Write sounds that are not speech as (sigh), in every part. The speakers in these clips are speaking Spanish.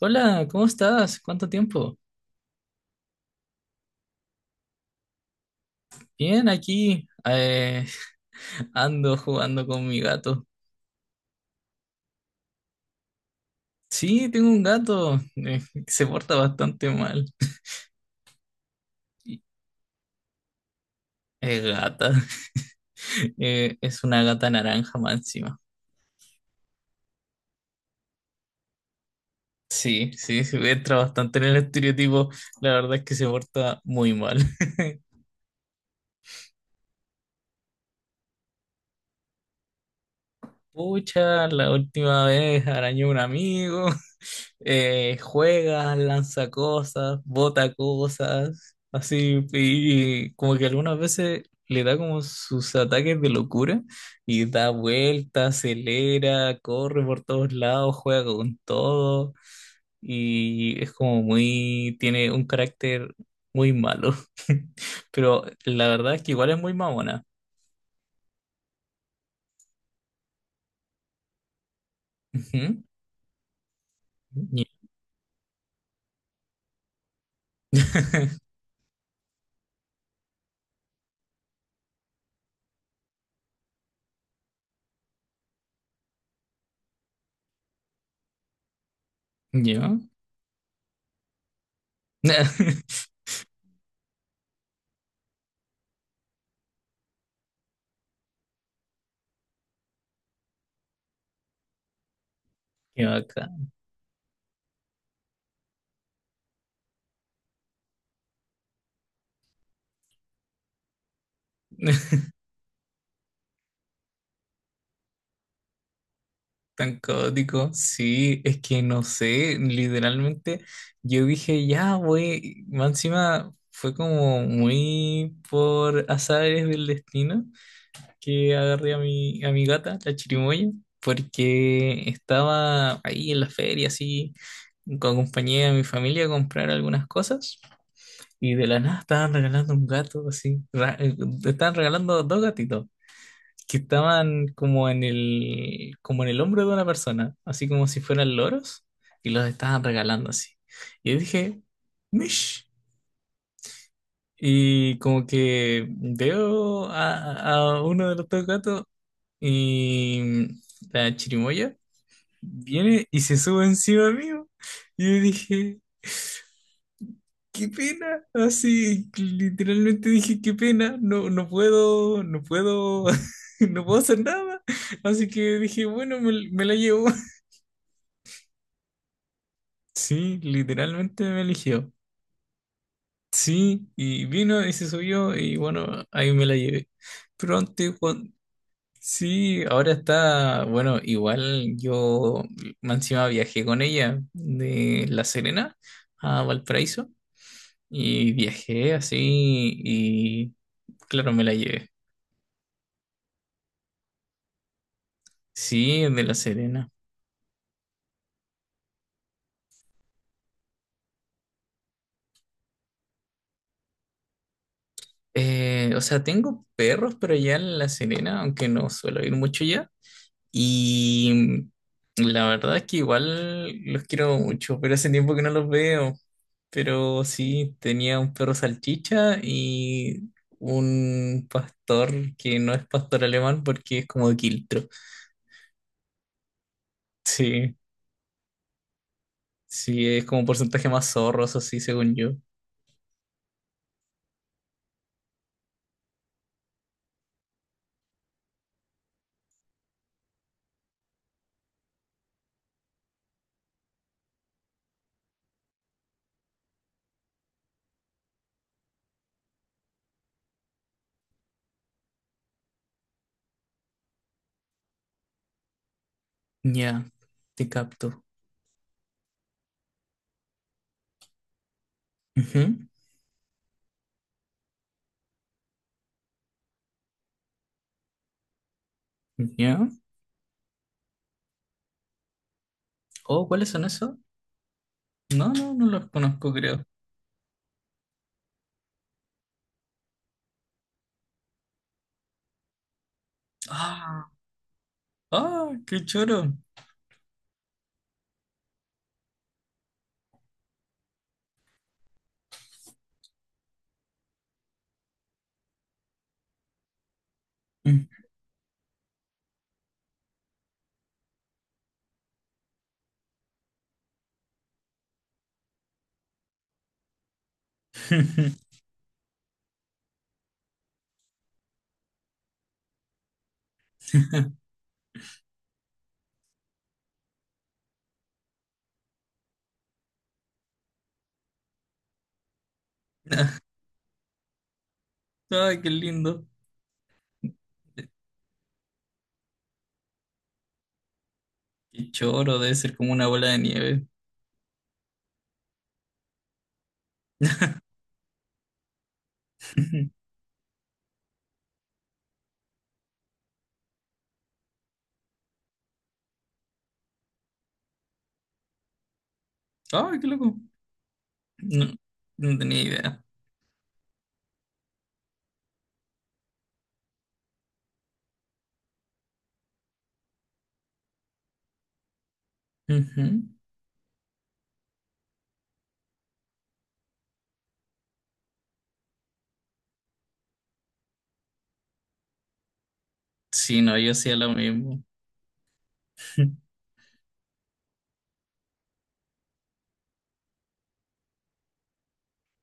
Hola, ¿cómo estás? ¿Cuánto tiempo? Bien, aquí (laughs) ando jugando con mi gato. Sí, tengo un gato que se porta bastante mal. (laughs) Es gata. (laughs) Es una gata naranja más encima. Sí, sí, sí, entra bastante en el estereotipo. La verdad es que se porta muy mal. Pucha, la última vez arañó un amigo, (laughs) juega, lanza cosas, bota cosas, así, y como que algunas veces le da como sus ataques de locura y da vueltas, acelera, corre por todos lados, juega con todo y es como muy, tiene un carácter muy malo, (laughs) pero la verdad es que igual es muy mamona. Ujú. Ya. (laughs) Ya. (laughs) Qué bacán. (laughs) Tan caótico. Sí, es que no sé, literalmente yo dije, ya, güey, más encima fue como muy por azares del destino que agarré a mi gata, la chirimoya, porque estaba ahí en la feria, así, acompañé a mi familia a comprar algunas cosas y de la nada estaban regalando un gato, así, estaban regalando dos gatitos. Que estaban como en el hombro de una persona, así como si fueran loros, y los estaban regalando así. Y yo dije, Mish. Y como que veo a uno de los dos gatos y la chirimoya viene y se sube encima mío. Y yo dije, qué pena. Así, literalmente dije, qué pena, no, no puedo, no puedo, (laughs) no puedo hacer nada. Así que dije, bueno, me la llevo. (laughs) Sí, literalmente me eligió. Sí, y vino y se subió y bueno, ahí me la llevé. Pero antes, sí, ahora está, bueno, igual yo más encima viajé con ella de La Serena a Valparaíso y viajé así y claro, me la llevé. Sí, de La Serena. O sea, tengo perros, pero ya en La Serena, aunque no suelo ir mucho ya. Y la verdad es que igual los quiero mucho, pero hace tiempo que no los veo. Pero sí, tenía un perro salchicha y un pastor que no es pastor alemán porque es como de quiltro. Sí, sí, es como porcentaje más zorros, así según yo. Ya, te capto. Ujú, ya. Oh, ¿cuáles son esos? No, no, no los conozco, creo. Ah, ah, qué choro. (laughs) Ay, qué lindo. Qué choro, debe ser como una bola de nieve. (laughs) Ay, qué loco. No, no tenía idea. Ujú. Sí, no, yo hacía lo mismo. (laughs)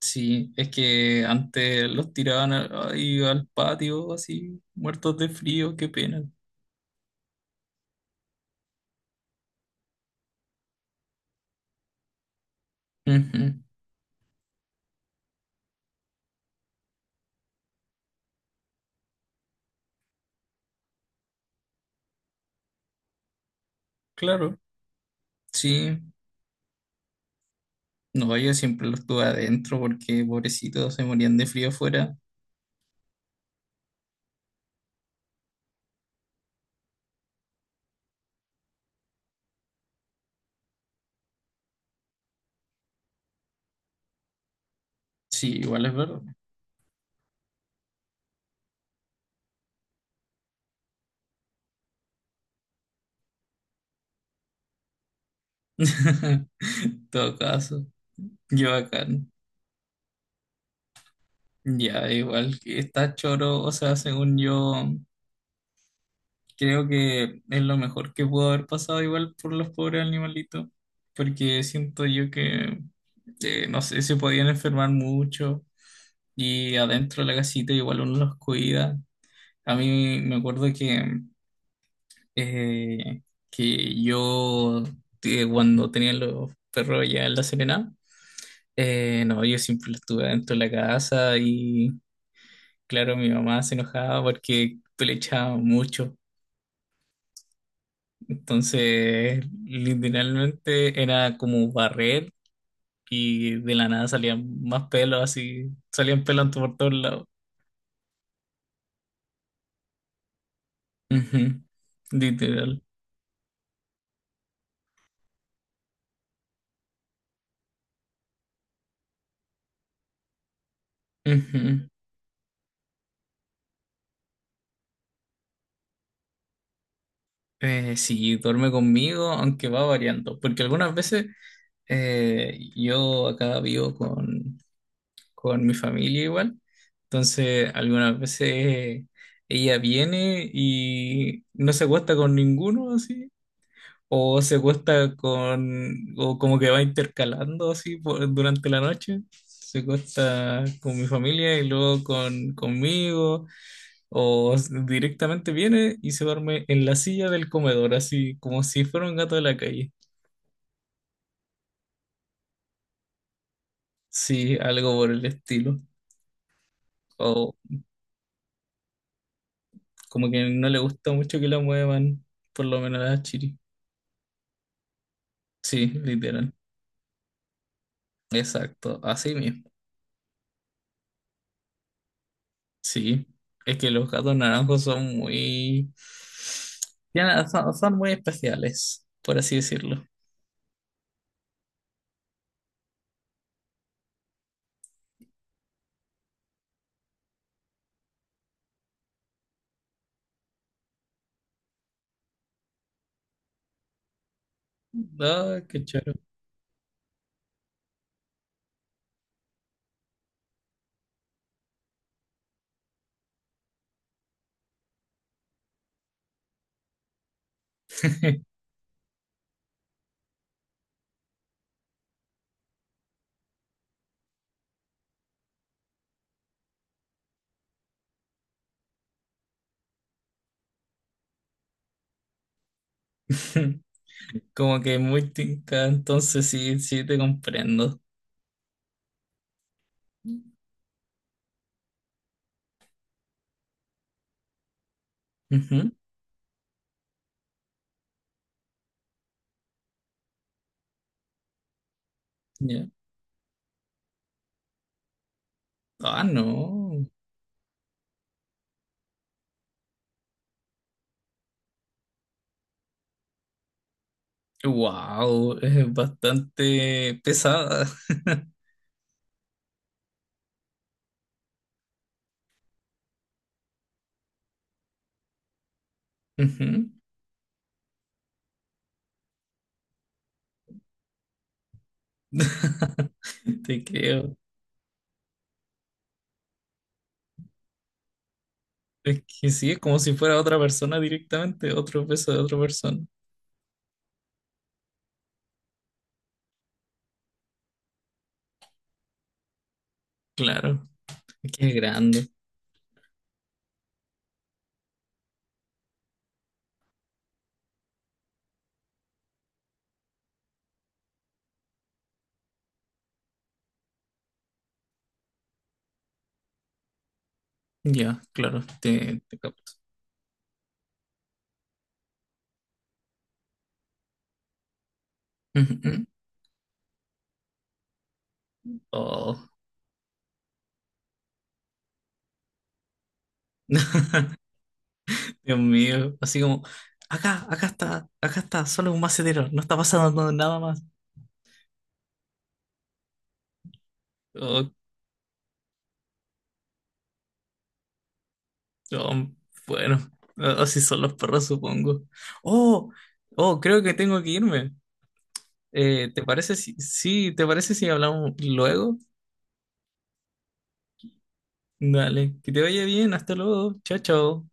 Sí, es que antes los tiraban al, ahí al patio así, muertos de frío, qué pena. Ujú, claro, sí. No, yo siempre los tuve adentro porque pobrecitos se morían de frío afuera. Sí, igual es verdad. (laughs) En todo caso, yo bacán. Ya, igual que está choro, o sea, según yo, creo que es lo mejor que pudo haber pasado igual por los pobres animalitos, porque siento yo que, no sé, se podían enfermar mucho y adentro de la casita igual uno los cuida. A mí me acuerdo eh, que yo, cuando tenía los perros ya en La Serena, eh, no, yo siempre estuve dentro de la casa y claro, mi mamá se enojaba porque le echaba mucho. Entonces, literalmente era como barrer y de la nada salían más pelos, así, salían pelos por todos lados. Ujú, literal. Ujú. Sí, duerme conmigo, aunque va variando, porque algunas veces yo acá vivo con mi familia igual. Entonces, algunas veces ella viene y no se acuesta con ninguno así, o se acuesta con, o como que va intercalando así durante la noche. Se acuesta con mi familia y luego conmigo, directamente viene y se duerme en la silla del comedor, así como si fuera un gato de la calle. Sí, algo por el estilo. Como que no le gusta mucho que la muevan, por lo menos a la Chiri. Sí, literal. Exacto, así mismo. Sí, es que los gatos naranjos son muy... Son, son muy especiales, por así decirlo. Ah, qué choro. (laughs) Como que muy tinca, entonces sí, sí te comprendo. Ujú, ya. Ah, no. Wow, es bastante pesada. (laughs) Ujú. (laughs) Te creo. Es que sí, es como si fuera otra persona directamente, otro beso de otra persona. Claro, es que es grande. Ya, claro, te capto. Ujú, ujú. Oh, (laughs) Dios mío, así como, acá, acá está, solo un macetero, no está pasando nada más. Oh, oh, bueno, así son los perros, supongo. Oh, oh, creo que tengo que irme. ¿Te parece si, sí, te parece si hablamos luego? Dale, que te vaya bien, hasta luego, chao, chao.